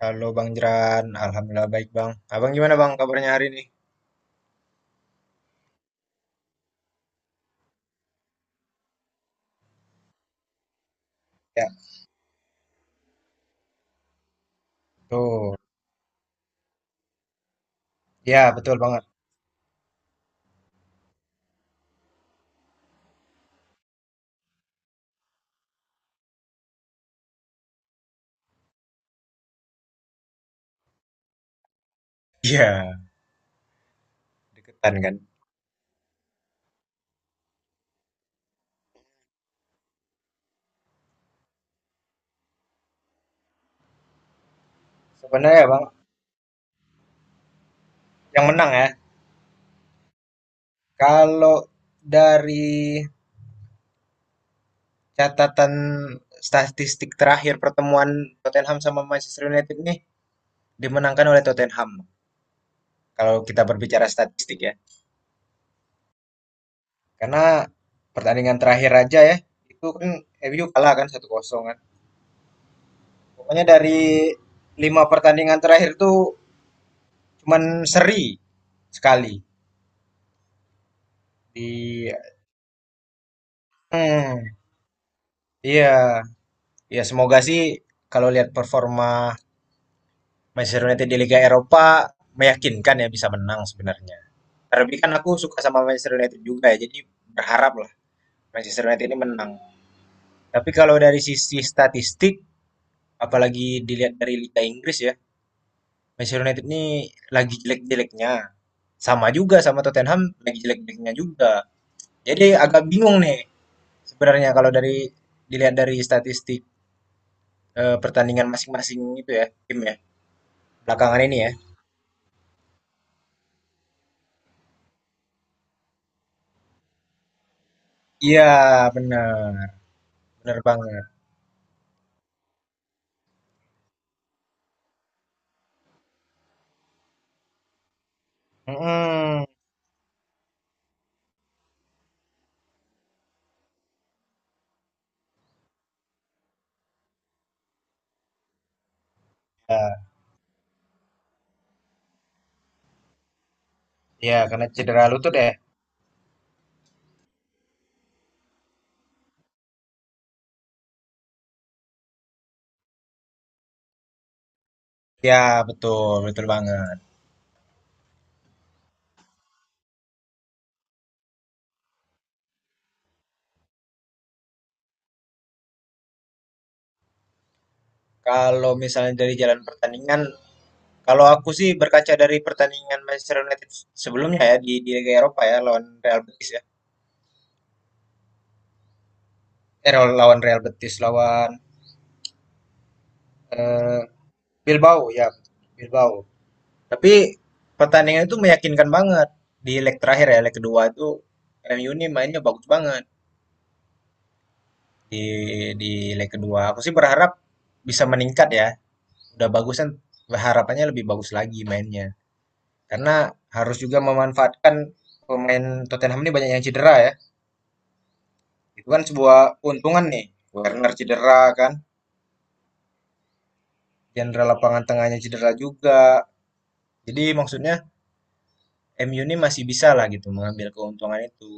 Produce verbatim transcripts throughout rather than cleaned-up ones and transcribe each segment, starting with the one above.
Halo Bang Jeran, Alhamdulillah baik Bang. Abang gimana Bang kabarnya hari ini? Ya, tuh. Ya, betul banget. Iya, deketan kan. Sebenarnya ya, Bang, yang menang ya. Kalau dari catatan statistik terakhir pertemuan Tottenham sama Manchester United nih dimenangkan oleh Tottenham. Kalau kita berbicara statistik ya. Karena pertandingan terakhir aja ya, itu kan M U kalah kan satu kosong kan. Pokoknya dari lima pertandingan terakhir tuh cuman seri sekali di. Hmm, iya, ya semoga sih kalau lihat performa Manchester United di Liga Eropa meyakinkan ya bisa menang sebenarnya. Terlebih kan aku suka sama Manchester United juga ya, jadi berharap lah Manchester United ini menang. Tapi kalau dari sisi statistik, apalagi dilihat dari Liga Inggris ya, Manchester United ini lagi jelek-jeleknya. Sama juga sama Tottenham, lagi jelek-jeleknya juga. Jadi agak bingung nih sebenarnya kalau dari dilihat dari statistik. Eh, pertandingan masing-masing itu ya, tim ya. Belakangan ini ya. Iya, bener. Bener banget. Mm-mm. Ya, ya, karena cedera lutut ya. Ya, betul. Betul banget. Kalau misalnya dari jalan pertandingan, kalau aku sih berkaca dari pertandingan Manchester United sebelumnya ya di di Liga Eropa ya lawan Real Betis ya. Eh, lawan Real Betis lawan eh, Bilbao ya, Bilbao. Tapi pertandingan itu meyakinkan banget di leg terakhir ya, leg kedua itu M U ini mainnya bagus banget. di di leg kedua. Aku sih berharap bisa meningkat ya. Udah bagus kan harapannya lebih bagus lagi mainnya. Karena harus juga memanfaatkan pemain Tottenham ini banyak yang cedera ya. Itu kan sebuah keuntungan nih. Werner cedera kan, jenderal lapangan tengahnya cedera juga. Jadi maksudnya M U ini masih bisa lah gitu mengambil keuntungan itu.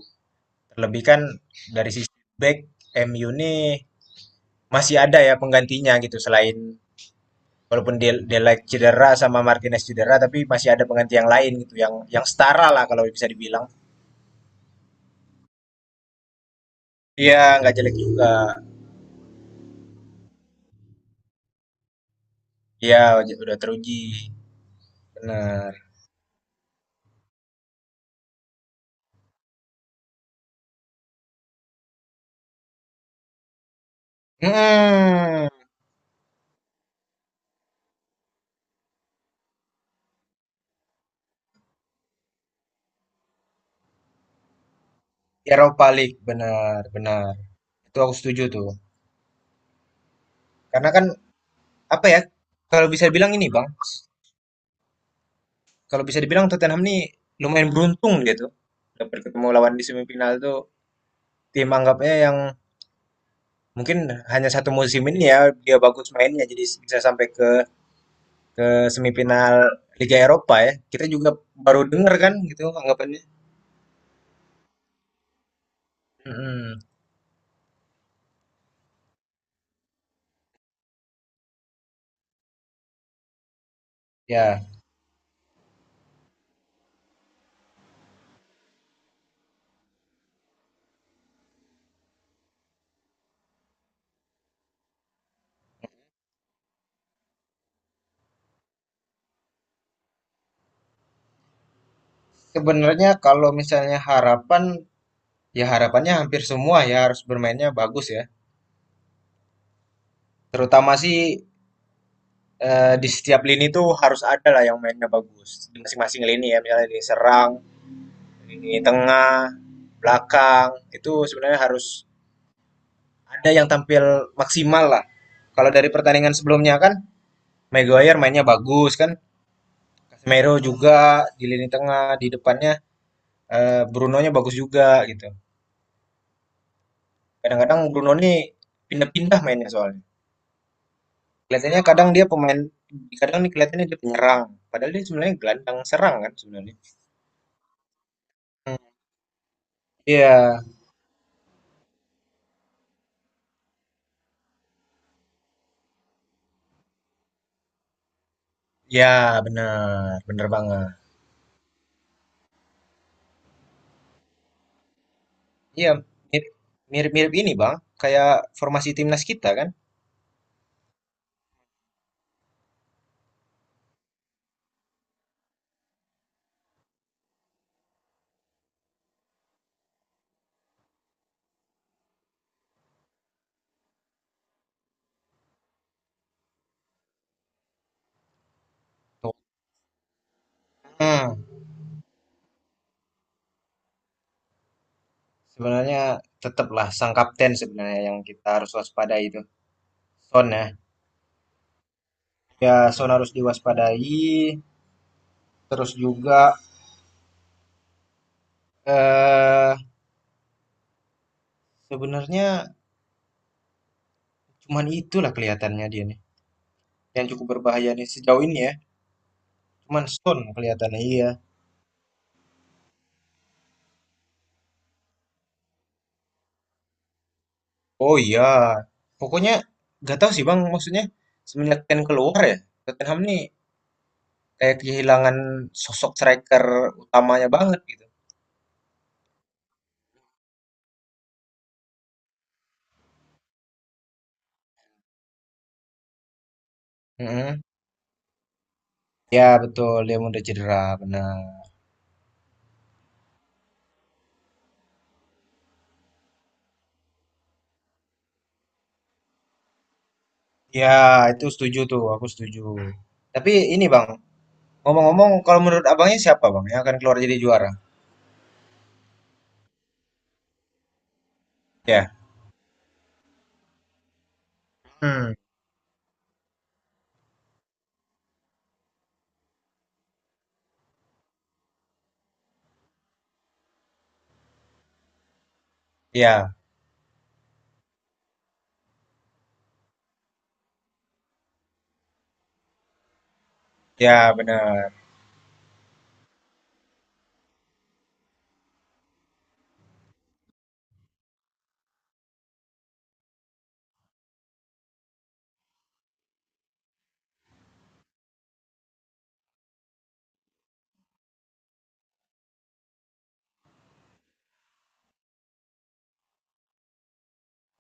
Terlebih kan dari sisi back M U ini masih ada ya penggantinya gitu selain walaupun Del Delight cedera sama Martinez cedera, tapi masih ada pengganti yang lain gitu, yang yang setara lah kalau bisa dibilang. Iya, nggak jelek juga. Iya, udah teruji. Benar. Hmm, Eropa League, benar, benar. Itu aku setuju tuh. Karena kan apa ya? Kalau bisa dibilang ini, Bang. Kalau bisa dibilang Tottenham ini lumayan beruntung gitu. Dapat ketemu lawan di semifinal tuh tim anggapnya yang mungkin hanya satu musim ini ya dia bagus mainnya jadi bisa sampai ke ke semifinal Liga Eropa ya. Kita juga baru dengar kan gitu anggapannya. Mm-mm. Ya, sebenarnya kalau misalnya harapan, ya harapannya hampir semua ya harus bermainnya bagus ya. Terutama sih eh, di setiap lini tuh harus ada lah yang mainnya bagus. Di masing-masing lini ya, misalnya di serang, lini tengah, belakang, itu sebenarnya harus ada yang tampil maksimal lah. Kalau dari pertandingan sebelumnya kan, Maguire mainnya bagus kan, Casemiro juga di lini tengah, di depannya eh, Bruno-nya bagus juga gitu. Kadang-kadang Bruno nih pindah-pindah mainnya soalnya. Kelihatannya kadang dia pemain, kadang nih kelihatannya dia penyerang. Padahal dia sebenarnya gelandang serang kan sebenarnya. Hmm, Iya, ya benar, benar banget. Iya, mirip- mirip-mirip ini Bang, kayak formasi timnas kita kan. Tuh. Hmm, Sebenarnya tetaplah sang kapten sebenarnya yang kita harus waspadai itu. Son ya, ya Son harus diwaspadai. Terus juga, eee, sebenarnya cuman itulah kelihatannya dia nih, yang cukup berbahaya nih sejauh ini ya. Cuman Stone kelihatannya, iya. Oh iya, pokoknya nggak tahu sih Bang, maksudnya semenjak Kane keluar ya, Tottenham nih kayak kehilangan sosok striker utamanya banget gitu. Mhm. Ya betul, dia udah cedera, benar. Ya, itu setuju tuh, aku setuju. Tapi ini Bang, ngomong-ngomong kalau menurut Abangnya siapa Bang yang akan keluar jadi juara? Ya. Hmm, iya. Ya, benar.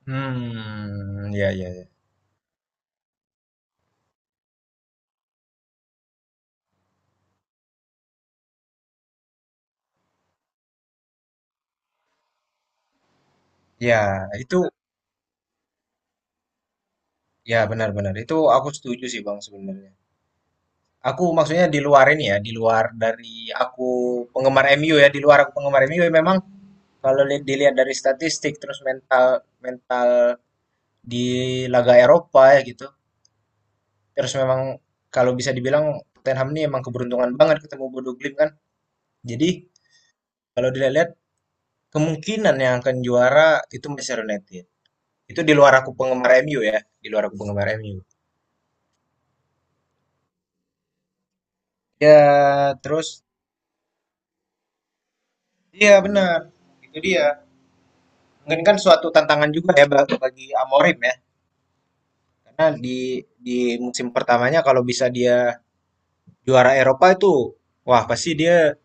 Hmm, ya, ya, ya. Ya, itu, ya benar-benar. Itu aku setuju sih Bang sebenarnya. Aku maksudnya di luar ini ya, di luar dari aku penggemar M U ya, di luar aku penggemar M U ya, memang kalau li- dilihat dari statistik terus mental mental di laga Eropa ya gitu. Terus memang kalau bisa dibilang Tottenham ini emang keberuntungan banget ketemu Bodo Glimt kan. Jadi kalau dilihat kemungkinan yang akan juara itu Manchester United. Itu di luar aku penggemar M U ya, di luar aku penggemar M U. Ya, terus iya benar. Itu dia. Mungkin kan suatu tantangan juga ya ba- bagi Amorim ya. Karena di di musim pertamanya kalau bisa dia juara Eropa itu wah pasti dia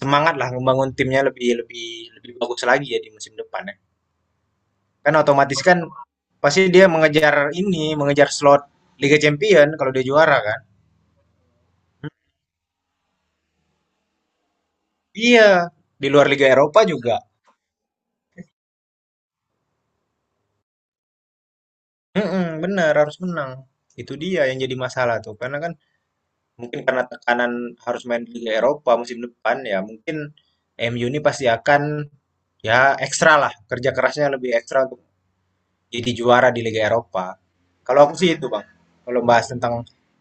semangat lah membangun timnya lebih lebih lebih bagus lagi ya di musim depan ya. Kan otomatis kan pasti dia mengejar ini, mengejar slot Liga Champion kalau dia juara kan. Iya, di luar Liga Eropa juga. Mhm, bener harus menang. Itu dia yang jadi masalah tuh, karena kan mungkin karena tekanan harus main di Liga Eropa musim depan ya mungkin M U ini pasti akan ya ekstra lah kerja kerasnya lebih ekstra untuk jadi juara di Liga Eropa. Kalau aku sih itu Bang, kalau bahas tentang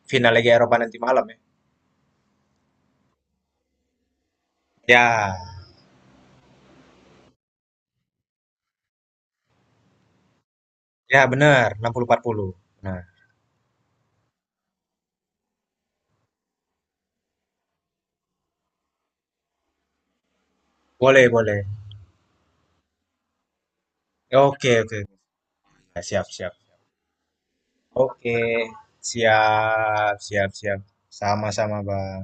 final Liga Eropa nanti malam ya. Ya, ya benar enam puluh empat puluh. Nah, boleh boleh. Oke oke, ya, siap siap. Oke, siap siap siap. Sama-sama Bang.